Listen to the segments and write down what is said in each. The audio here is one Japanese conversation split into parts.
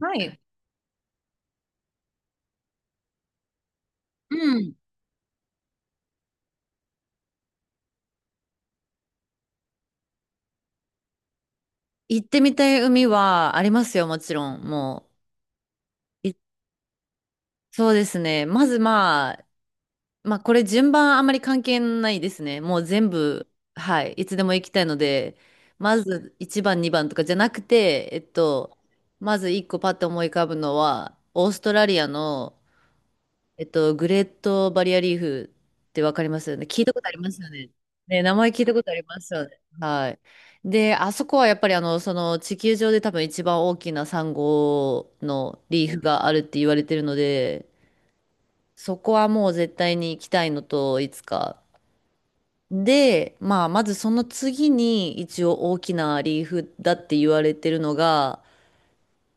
はい。うん。行ってみたい海はありますよ、もちろん。もう。いそうですね。まずまあ、まあこれ順番あまり関係ないですね。もう全部、はい。いつでも行きたいので、まず1番、2番とかじゃなくて、まず1個パッと思い浮かぶのは、オーストラリアのグレートバリアリーフってわかりますよね。聞いたことありますよね。ね、名前聞いたことありますよね。はい。で、あそこはやっぱりその地球上で多分一番大きなサンゴのリーフがあるって言われてるので、そこはもう絶対に行きたいのと、いつか。で、まあ、まずその次に一応大きなリーフだって言われてるのが、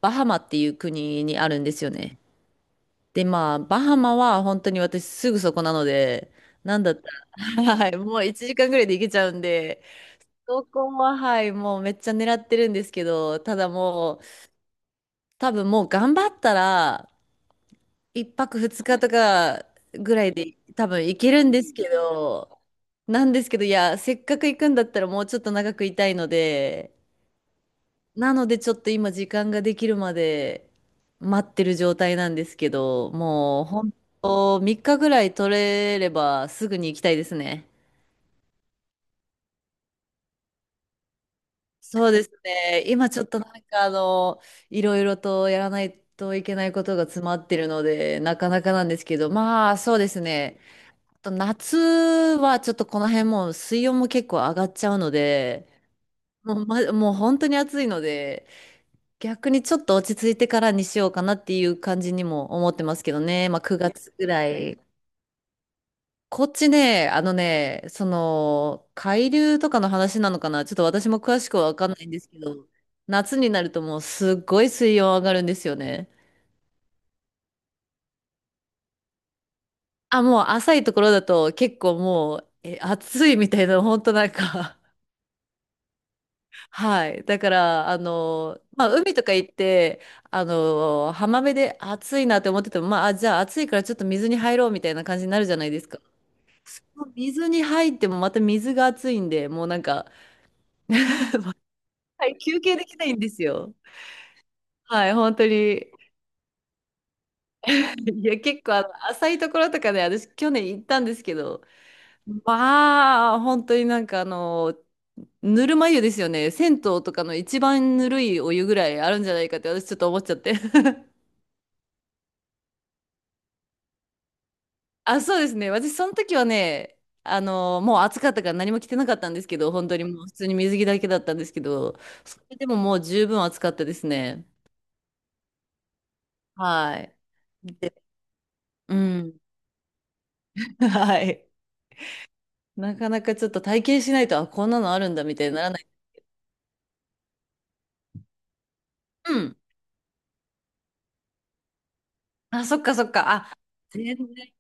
バハマっていう国にあるんですよね。で、まあ、バハマは本当に私すぐそこなので、なんだったら、はい、もう1時間ぐらいで行けちゃうんで、そこは、はい、もうめっちゃ狙ってるんですけど、ただもう、多分もう頑張ったら、1泊2日とかぐらいで多分行けるんですけど、なんですけど、いや、せっかく行くんだったらもうちょっと長くいたいので、なのでちょっと今時間ができるまで待ってる状態なんですけど、もう本当3日ぐらい取れればすぐに行きたいですね。そうですね。今ちょっとなんかいろいろとやらないといけないことが詰まってるので、なかなかなんですけど、まあそうですね。あと夏はちょっとこの辺もう水温も結構上がっちゃうので、もう、ま、もう本当に暑いので、逆にちょっと落ち着いてからにしようかなっていう感じにも思ってますけどね。まあ9月ぐらい。こっちね、あのね、その、海流とかの話なのかなちょっと私も詳しくはわかんないんですけど、夏になるともうすっごい水温上がるんですよね。あ、もう浅いところだと結構もう、え、暑いみたいな、本当なんかはい。だから、まあ、海とか行って、浜辺で暑いなって思ってても、まあ、あじゃあ暑いからちょっと水に入ろうみたいな感じになるじゃないですか。その水に入ってもまた水が暑いんで、もうなんか、はい、休憩できないんですよ。はい、本当に。いや、結構浅いところとかね、私去年行ったんですけど、まあ、本当になんかぬるま湯ですよね。銭湯とかの一番ぬるいお湯ぐらいあるんじゃないかって私ちょっと思っちゃって。あ、そうですね。私、その時はね、もう暑かったから何も着てなかったんですけど、本当にもう普通に水着だけだったんですけど、それでももう十分暑かったですね。はい。で、うん。はい。なかなかちょっと体験しないと、あ、こんなのあるんだみたいにならない。うん。あ、そっかそっか。あ、全然。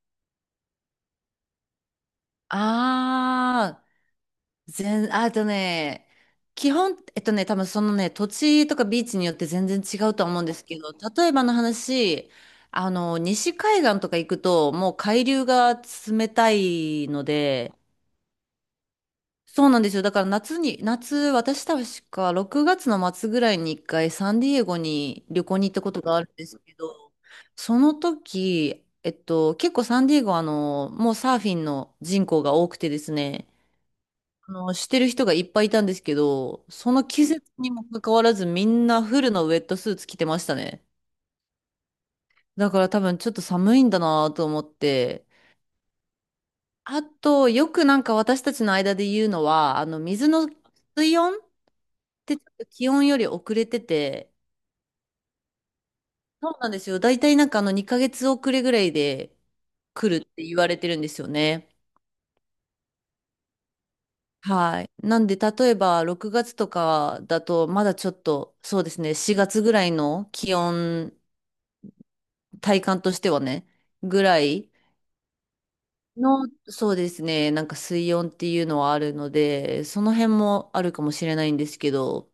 あ全、あとね、基本、えっとね、多分そのね、土地とかビーチによって全然違うとは思うんですけど、例えばの話、西海岸とか行くと、もう海流が冷たいので、そうなんですよ。だから夏に、夏、私確か6月の末ぐらいに一回サンディエゴに旅行に行ったことがあるんですけど、その時、結構サンディエゴはもうサーフィンの人口が多くてですね、してる人がいっぱいいたんですけど、その季節にもかかわらずみんなフルのウェットスーツ着てましたね。だから多分ちょっと寒いんだなと思って。あと、よくなんか私たちの間で言うのは、水温ってちょっと気温より遅れてて、そうなんですよ。だいたいなんかあの2ヶ月遅れぐらいで来るって言われてるんですよね。はい。なんで、例えば6月とかだと、まだちょっと、そうですね、4月ぐらいの気温体感としてはね、ぐらいの、そうですね、なんか水温っていうのはあるので、その辺もあるかもしれないんですけど、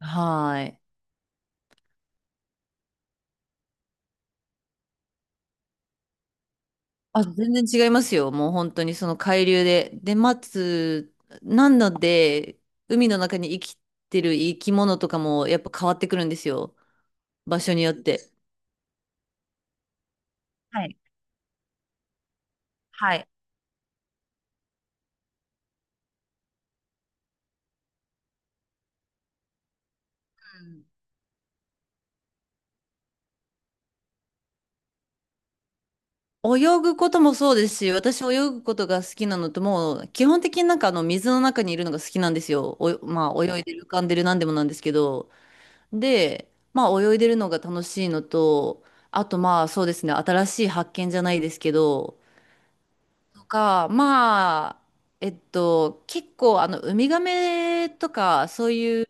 はい。あ、全然違いますよ。もう本当にその海流で。で、待つ、なので、海の中に生きてる生き物とかもやっぱ変わってくるんですよ。場所によって。はい。はい。うん泳ぐこともそうですし、私泳ぐことが好きなのと、もう基本的になんか水の中にいるのが好きなんですよ。おまあ泳いでる浮かんでるなんでもなんですけど。で、まあ泳いでるのが楽しいのと、あとまあそうですね、新しい発見じゃないですけど、とか、まあ、結構あのウミガメとかそういう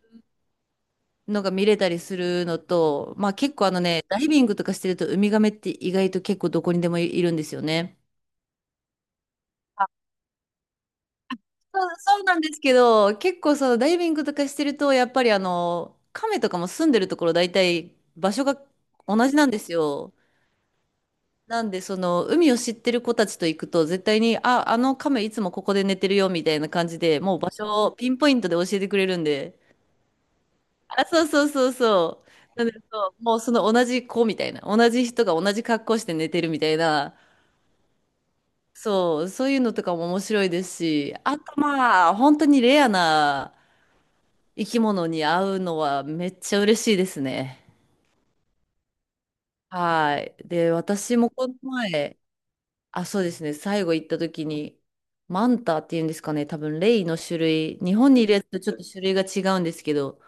のが見れたりするのと、まあ結構あのね、ダイビングとかしてるとウミガメって意外と結構どこにでもいるんですよね。そうそうなんですけど、結構そのダイビングとかしてると、やっぱり亀とかも住んでるところ大体場所が同じなんですよ。なんでその海を知ってる子たちと行くと絶対に、あ、あの亀いつもここで寝てるよみたいな感じで、もう場所をピンポイントで教えてくれるんで。あ、そうそうそうそう。なんでそう、もうその同じ子みたいな、同じ人が同じ格好して寝てるみたいな、そう、そういうのとかも面白いですし、あとまあ、本当にレアな、生き物に会うのはめっちゃ嬉しいですね。はい。で、私もこの前、あ、そうですね、最後行った時に、マンタっていうんですかね、多分レイの種類、日本にいるやつとちょっと種類が違うんですけど、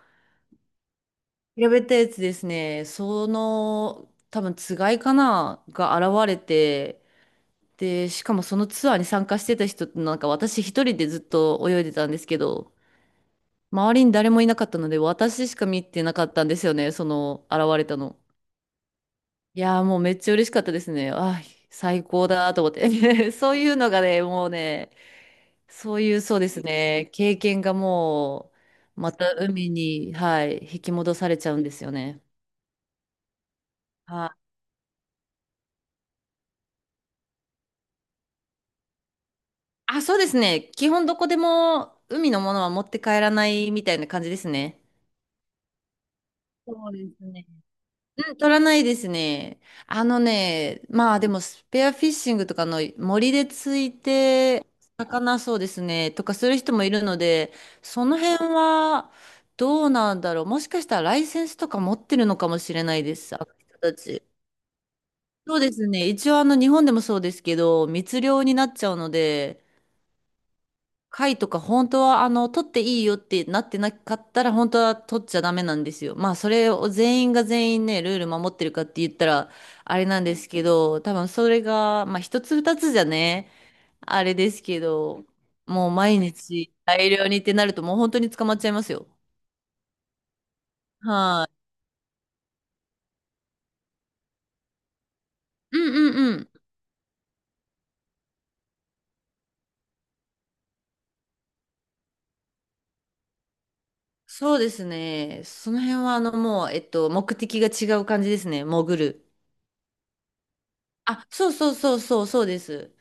調べたやつですね、その、多分つがいかな、が現れて、で、しかもそのツアーに参加してた人ってなんか私一人でずっと泳いでたんですけど、周りに誰もいなかったので、私しか見てなかったんですよね、その現れたの。いやー、もうめっちゃ嬉しかったですね。あー、最高だと思って。そういうのがね、もうね、そういう、そうですね、経験がもう、また海に、はい、引き戻されちゃうんですよね。はい。あ、そうですね。基本どこでも海のものは持って帰らないみたいな感じですね。そうですね。うん、取らないですね。あのね、まあでもスペアフィッシングとかの森でついて、魚そうですね、とかする人もいるので、その辺はどうなんだろう。もしかしたらライセンスとか持ってるのかもしれないです、あの人たち。そうですね。一応日本でもそうですけど、密漁になっちゃうので、貝とか本当は取っていいよってなってなかったら本当は取っちゃダメなんですよ。まあそれを全員が全員ねルール守ってるかって言ったらあれなんですけど多分それがまあ一つ二つじゃねあれですけどもう毎日大量にってなるともう本当に捕まっちゃいますよ。はい。うんうんうん。そうですね。その辺はあのもう目的が違う感じですね。潜る。あ、そうそうそうそうそうです。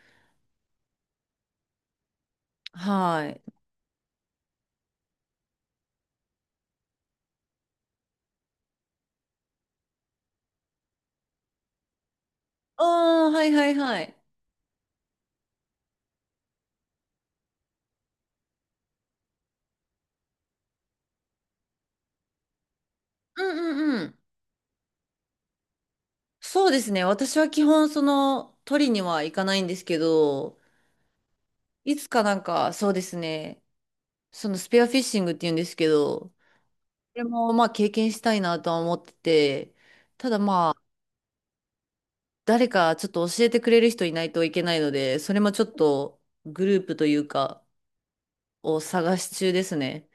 はい。ああ、はいはいはい。うんうんうん。そうですね。私は基本、その、取りには行かないんですけど、いつかなんか、そうですね。そのスペアフィッシングって言うんですけど、これもまあ経験したいなとは思ってて、ただまあ、誰かちょっと教えてくれる人いないといけないので、それもちょっとグループというか、を探し中ですね。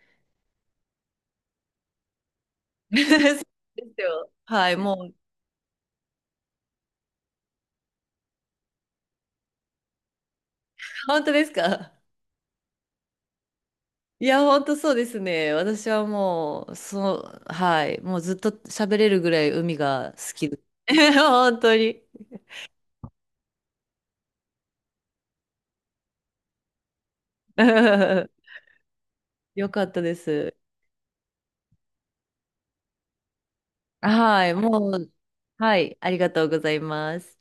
そうですよ。はい、もう、本当ですか？いや、本当そうですね。私はもう、そう、はい。もうずっと喋れるぐらい海が好きです。本当に。よかったです。はい。もう、はい。ありがとうございます。